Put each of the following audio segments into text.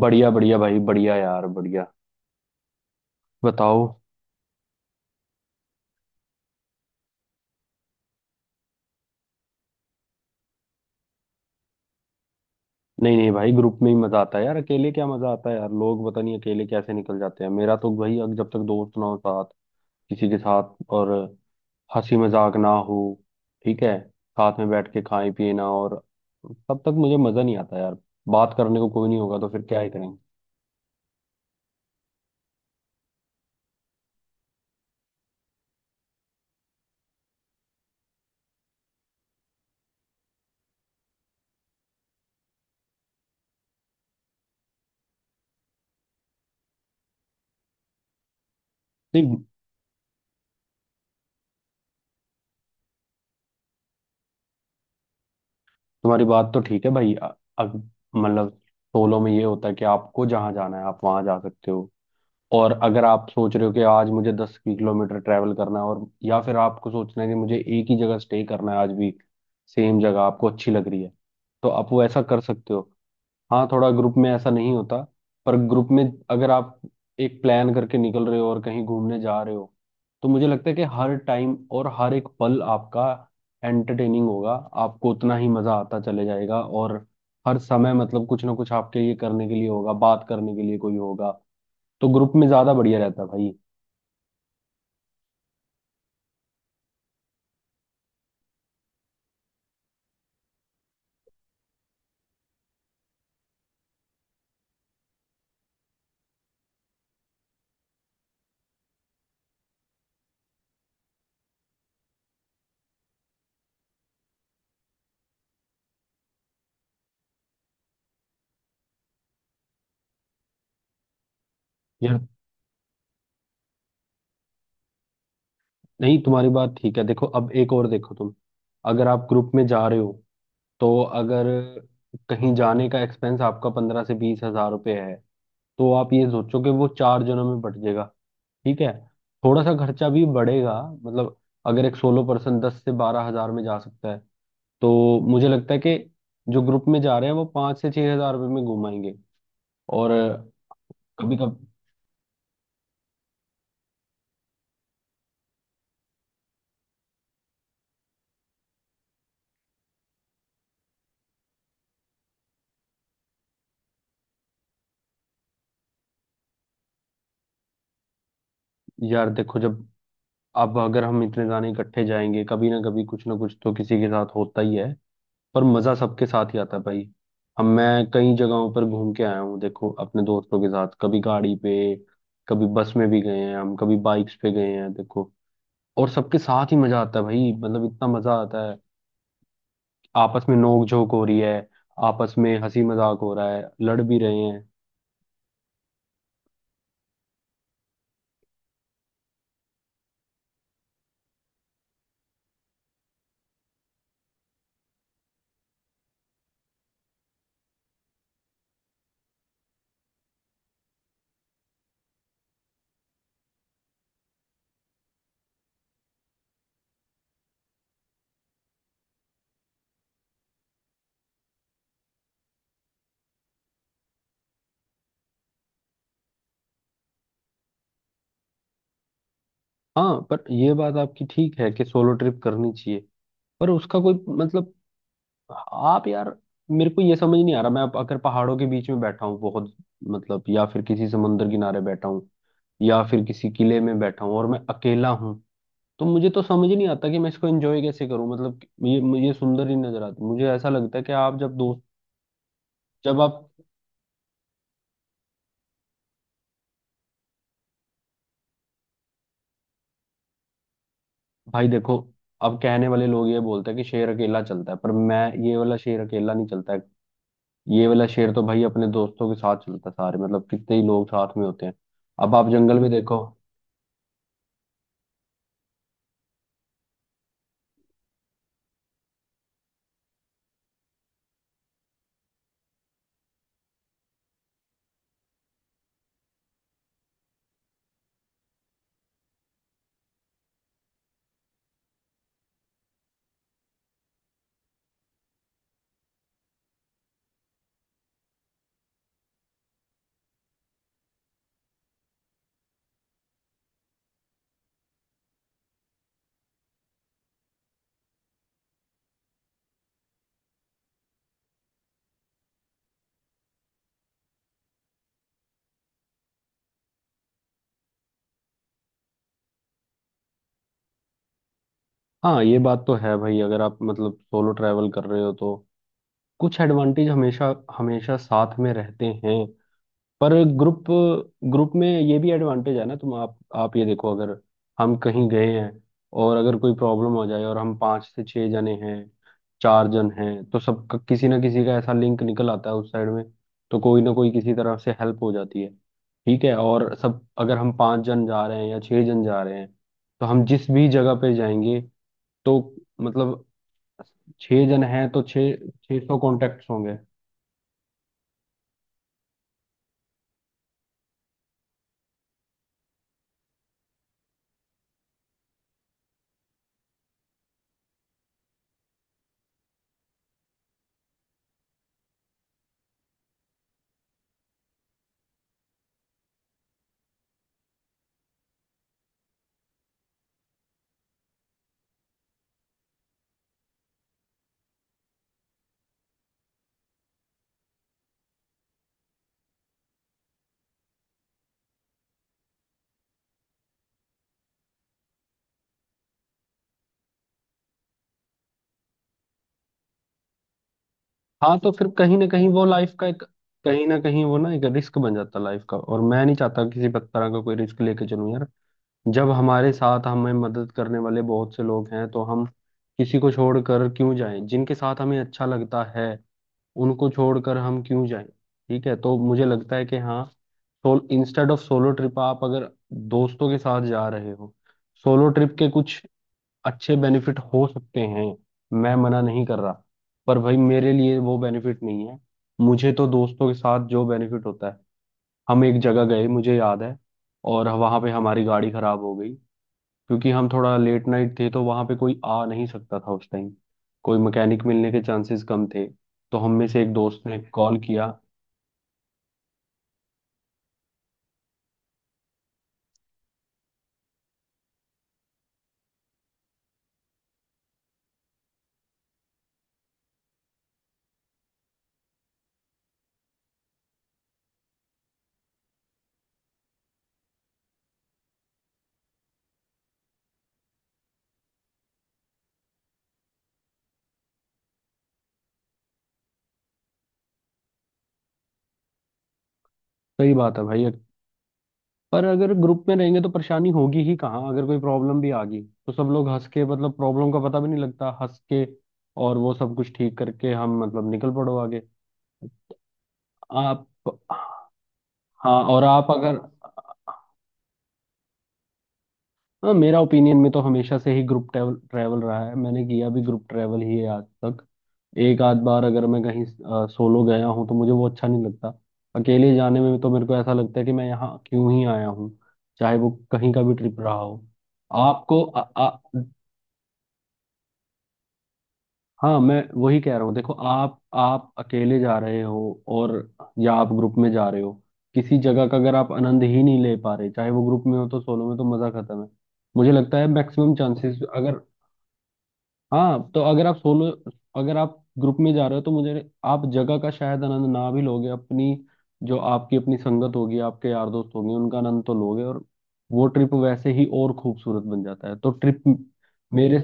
बढ़िया बढ़िया भाई बढ़िया यार बढ़िया। बताओ। नहीं नहीं भाई, ग्रुप में ही मजा आता है यार। अकेले क्या मजा आता है यार। लोग पता नहीं अकेले कैसे निकल जाते हैं। मेरा तो भाई, अब जब तक दोस्त ना हो साथ, किसी के साथ, और हंसी मजाक ना हो, ठीक है, साथ में बैठ के खाए पिए ना, और, तब तक मुझे मजा नहीं आता यार। बात करने को कोई नहीं होगा तो फिर क्या ही करेंगे। नहीं, तुम्हारी बात तो ठीक है भाई। अग- मतलब, सोलो में ये होता है कि आपको जहाँ जाना है आप वहां जा सकते हो। और अगर आप सोच रहे हो कि आज मुझे 10 किलोमीटर ट्रैवल करना है, और या फिर आपको सोचना है कि मुझे एक ही जगह स्टे करना है, आज भी सेम जगह आपको अच्छी लग रही है, तो आप वो ऐसा कर सकते हो। हाँ, थोड़ा ग्रुप में ऐसा नहीं होता। पर ग्रुप में, अगर आप एक प्लान करके निकल रहे हो और कहीं घूमने जा रहे हो, तो मुझे लगता है कि हर टाइम और हर एक पल आपका एंटरटेनिंग होगा। आपको उतना ही मजा आता चले जाएगा, और हर समय मतलब कुछ ना कुछ आपके लिए करने के लिए होगा, बात करने के लिए कोई होगा। तो ग्रुप में ज्यादा बढ़िया रहता भाई। यार, नहीं तुम्हारी बात ठीक है। देखो, अब एक और देखो तुम, अगर आप ग्रुप में जा रहे हो तो, अगर कहीं जाने का एक्सपेंस आपका 15 से 20 हज़ार रुपये है, तो आप ये सोचो कि वो चार जनों में बट जाएगा। ठीक है। थोड़ा सा खर्चा भी बढ़ेगा मतलब। अगर एक सोलो पर्सन 10 से 12 हज़ार में जा सकता है, तो मुझे लगता है कि जो ग्रुप में जा रहे हैं वो 5 से 6 हज़ार रुपये में घुमाएंगे। और कभी कभी, यार देखो, जब अब अगर हम इतने जाने इकट्ठे जाएंगे, कभी ना कभी कुछ ना कुछ तो किसी के साथ होता ही है, पर मजा सबके साथ ही आता है भाई। हम मैं कई जगहों पर घूम के आया हूँ देखो, अपने दोस्तों के साथ, कभी गाड़ी पे, कभी बस में भी गए हैं हम, कभी बाइक्स पे गए हैं देखो। और सबके साथ ही मजा आता है भाई, मतलब इतना मजा आता है। आपस में नोक झोंक हो रही है, आपस में हंसी मजाक हो रहा है, लड़ भी रहे हैं। हाँ, पर ये बात आपकी ठीक है कि सोलो ट्रिप करनी चाहिए, पर उसका कोई, मतलब, आप यार, मेरे को ये समझ नहीं आ रहा। मैं, अब अगर पहाड़ों के बीच में बैठा हूँ, बहुत, मतलब, या फिर किसी समुंदर किनारे बैठा हूँ, या फिर किसी किले में बैठा हूँ, और मैं अकेला हूँ, तो मुझे तो समझ ही नहीं आता कि मैं इसको एंजॉय कैसे करूँ, मतलब। ये मुझे सुंदर ही नजर आता। मुझे ऐसा लगता है कि आप जब दोस्त जब आप भाई देखो, अब कहने वाले लोग ये बोलते हैं कि शेर अकेला चलता है, पर मैं, ये वाला शेर अकेला नहीं चलता है। ये वाला शेर तो भाई अपने दोस्तों के साथ चलता है, सारे, मतलब कितने ही लोग साथ में होते हैं। अब आप जंगल में देखो। हाँ, ये बात तो है भाई, अगर आप मतलब सोलो ट्रैवल कर रहे हो तो कुछ एडवांटेज हमेशा, हमेशा साथ में रहते हैं। पर ग्रुप ग्रुप में ये भी एडवांटेज है ना। तुम आप ये देखो, अगर हम कहीं गए हैं और अगर कोई प्रॉब्लम हो जाए, और हम 5 से 6 जने हैं, चार जन हैं, तो सबका किसी ना किसी का ऐसा लिंक निकल आता है उस साइड में, तो कोई ना कोई किसी तरह से हेल्प हो जाती है। ठीक है। और सब, अगर हम पाँच जन जा रहे हैं या छः जन जा रहे हैं, तो हम जिस भी जगह पे जाएंगे तो, मतलब, छह जन हैं तो छह, 600 कॉन्टेक्ट होंगे। हाँ तो फिर कहीं ना कहीं वो लाइफ का एक, कहीं ना कहीं वो ना एक रिस्क बन जाता लाइफ का। और मैं नहीं चाहता किसी भी तरह का कोई रिस्क लेके चलूं यार। जब हमारे साथ हमें मदद करने वाले बहुत से लोग हैं, तो हम किसी को छोड़कर क्यों जाएं? जिनके साथ हमें अच्छा लगता है उनको छोड़कर हम क्यों जाएं? ठीक है। तो मुझे लगता है कि, हाँ, सोल, इंस्टेड ऑफ सोलो ट्रिप, आप अगर दोस्तों के साथ जा रहे हो, सोलो ट्रिप के कुछ अच्छे बेनिफिट हो सकते हैं, मैं मना नहीं कर रहा, पर भाई, मेरे लिए वो बेनिफिट नहीं है। मुझे तो दोस्तों के साथ जो बेनिफिट होता है, हम एक जगह गए मुझे याद है, और वहां पे हमारी गाड़ी खराब हो गई, क्योंकि हम थोड़ा लेट नाइट थे तो वहां पे कोई आ नहीं सकता था उस टाइम, कोई मैकेनिक मिलने के चांसेस कम थे, तो हम में से एक दोस्त ने कॉल किया। सही बात है भाई। पर अगर ग्रुप में रहेंगे तो परेशानी होगी ही कहाँ? अगर कोई प्रॉब्लम भी आ गई तो सब लोग हंस के, मतलब, प्रॉब्लम का पता भी नहीं लगता हंस के, और वो सब कुछ ठीक करके हम, मतलब, निकल पड़ो आगे। आप हाँ, और आप अगर हाँ, मेरा ओपिनियन में तो हमेशा से ही ग्रुप ट्रैवल ट्रैवल रहा है, मैंने किया भी ग्रुप ट्रैवल ही है आज तक। एक आध बार अगर मैं कहीं सोलो गया हूँ तो मुझे वो अच्छा नहीं लगता। अकेले जाने में तो मेरे को ऐसा लगता है कि मैं यहाँ क्यों ही आया हूँ, चाहे वो कहीं का भी ट्रिप रहा हो। आपको आ, आ, हाँ, मैं वही कह रहा हूँ। देखो, आप अकेले जा रहे हो और, या आप ग्रुप में जा रहे हो, किसी जगह का अगर आप आनंद ही नहीं ले पा रहे चाहे वो ग्रुप में हो, तो सोलो में तो मजा खत्म है। मुझे लगता है मैक्सिमम चांसेस, अगर, हाँ, तो अगर आप सोलो, अगर आप ग्रुप में जा रहे हो तो मुझे, आप जगह का शायद आनंद ना भी लोगे अपनी, जो आपकी अपनी संगत होगी आपके यार दोस्त होंगे उनका आनंद तो लोगे, और वो ट्रिप वैसे ही और खूबसूरत बन जाता है, तो ट्रिप। मेरे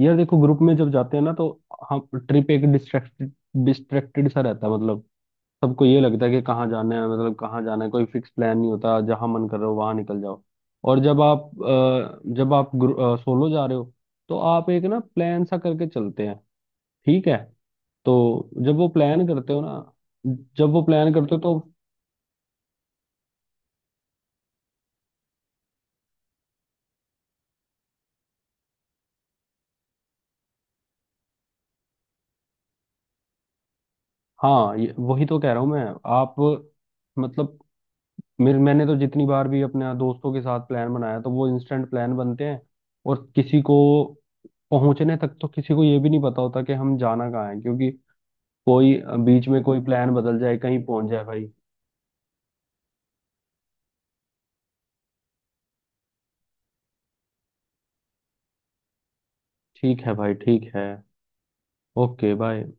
यार देखो, ग्रुप में जब जाते हैं ना तो हम ट्रिप एक डिस्ट्रैक्टेड, डिस्ट्रैक्टेड सा रहता है, मतलब। सबको ये लगता है कि कहाँ जाना है, मतलब कहाँ जाना है, कोई फिक्स प्लान नहीं होता, जहाँ मन कर रहा हो वहाँ निकल जाओ। और जब आप सोलो जा रहे हो, तो आप एक ना प्लान सा करके चलते हैं। ठीक है। तो जब वो प्लान करते हो ना, जब वो प्लान करते हो तो, हाँ, ये, वही तो कह रहा हूँ मैं। आप, मतलब, मेरे मैंने तो जितनी बार भी अपने दोस्तों के साथ प्लान बनाया तो वो इंस्टेंट प्लान बनते हैं। और किसी को पहुंचने तक तो किसी को ये भी नहीं पता होता कि हम जाना कहाँ है, क्योंकि कोई बीच में कोई प्लान बदल जाए, कहीं पहुंच जाए भाई। ठीक है भाई, ठीक है। Okay, bye.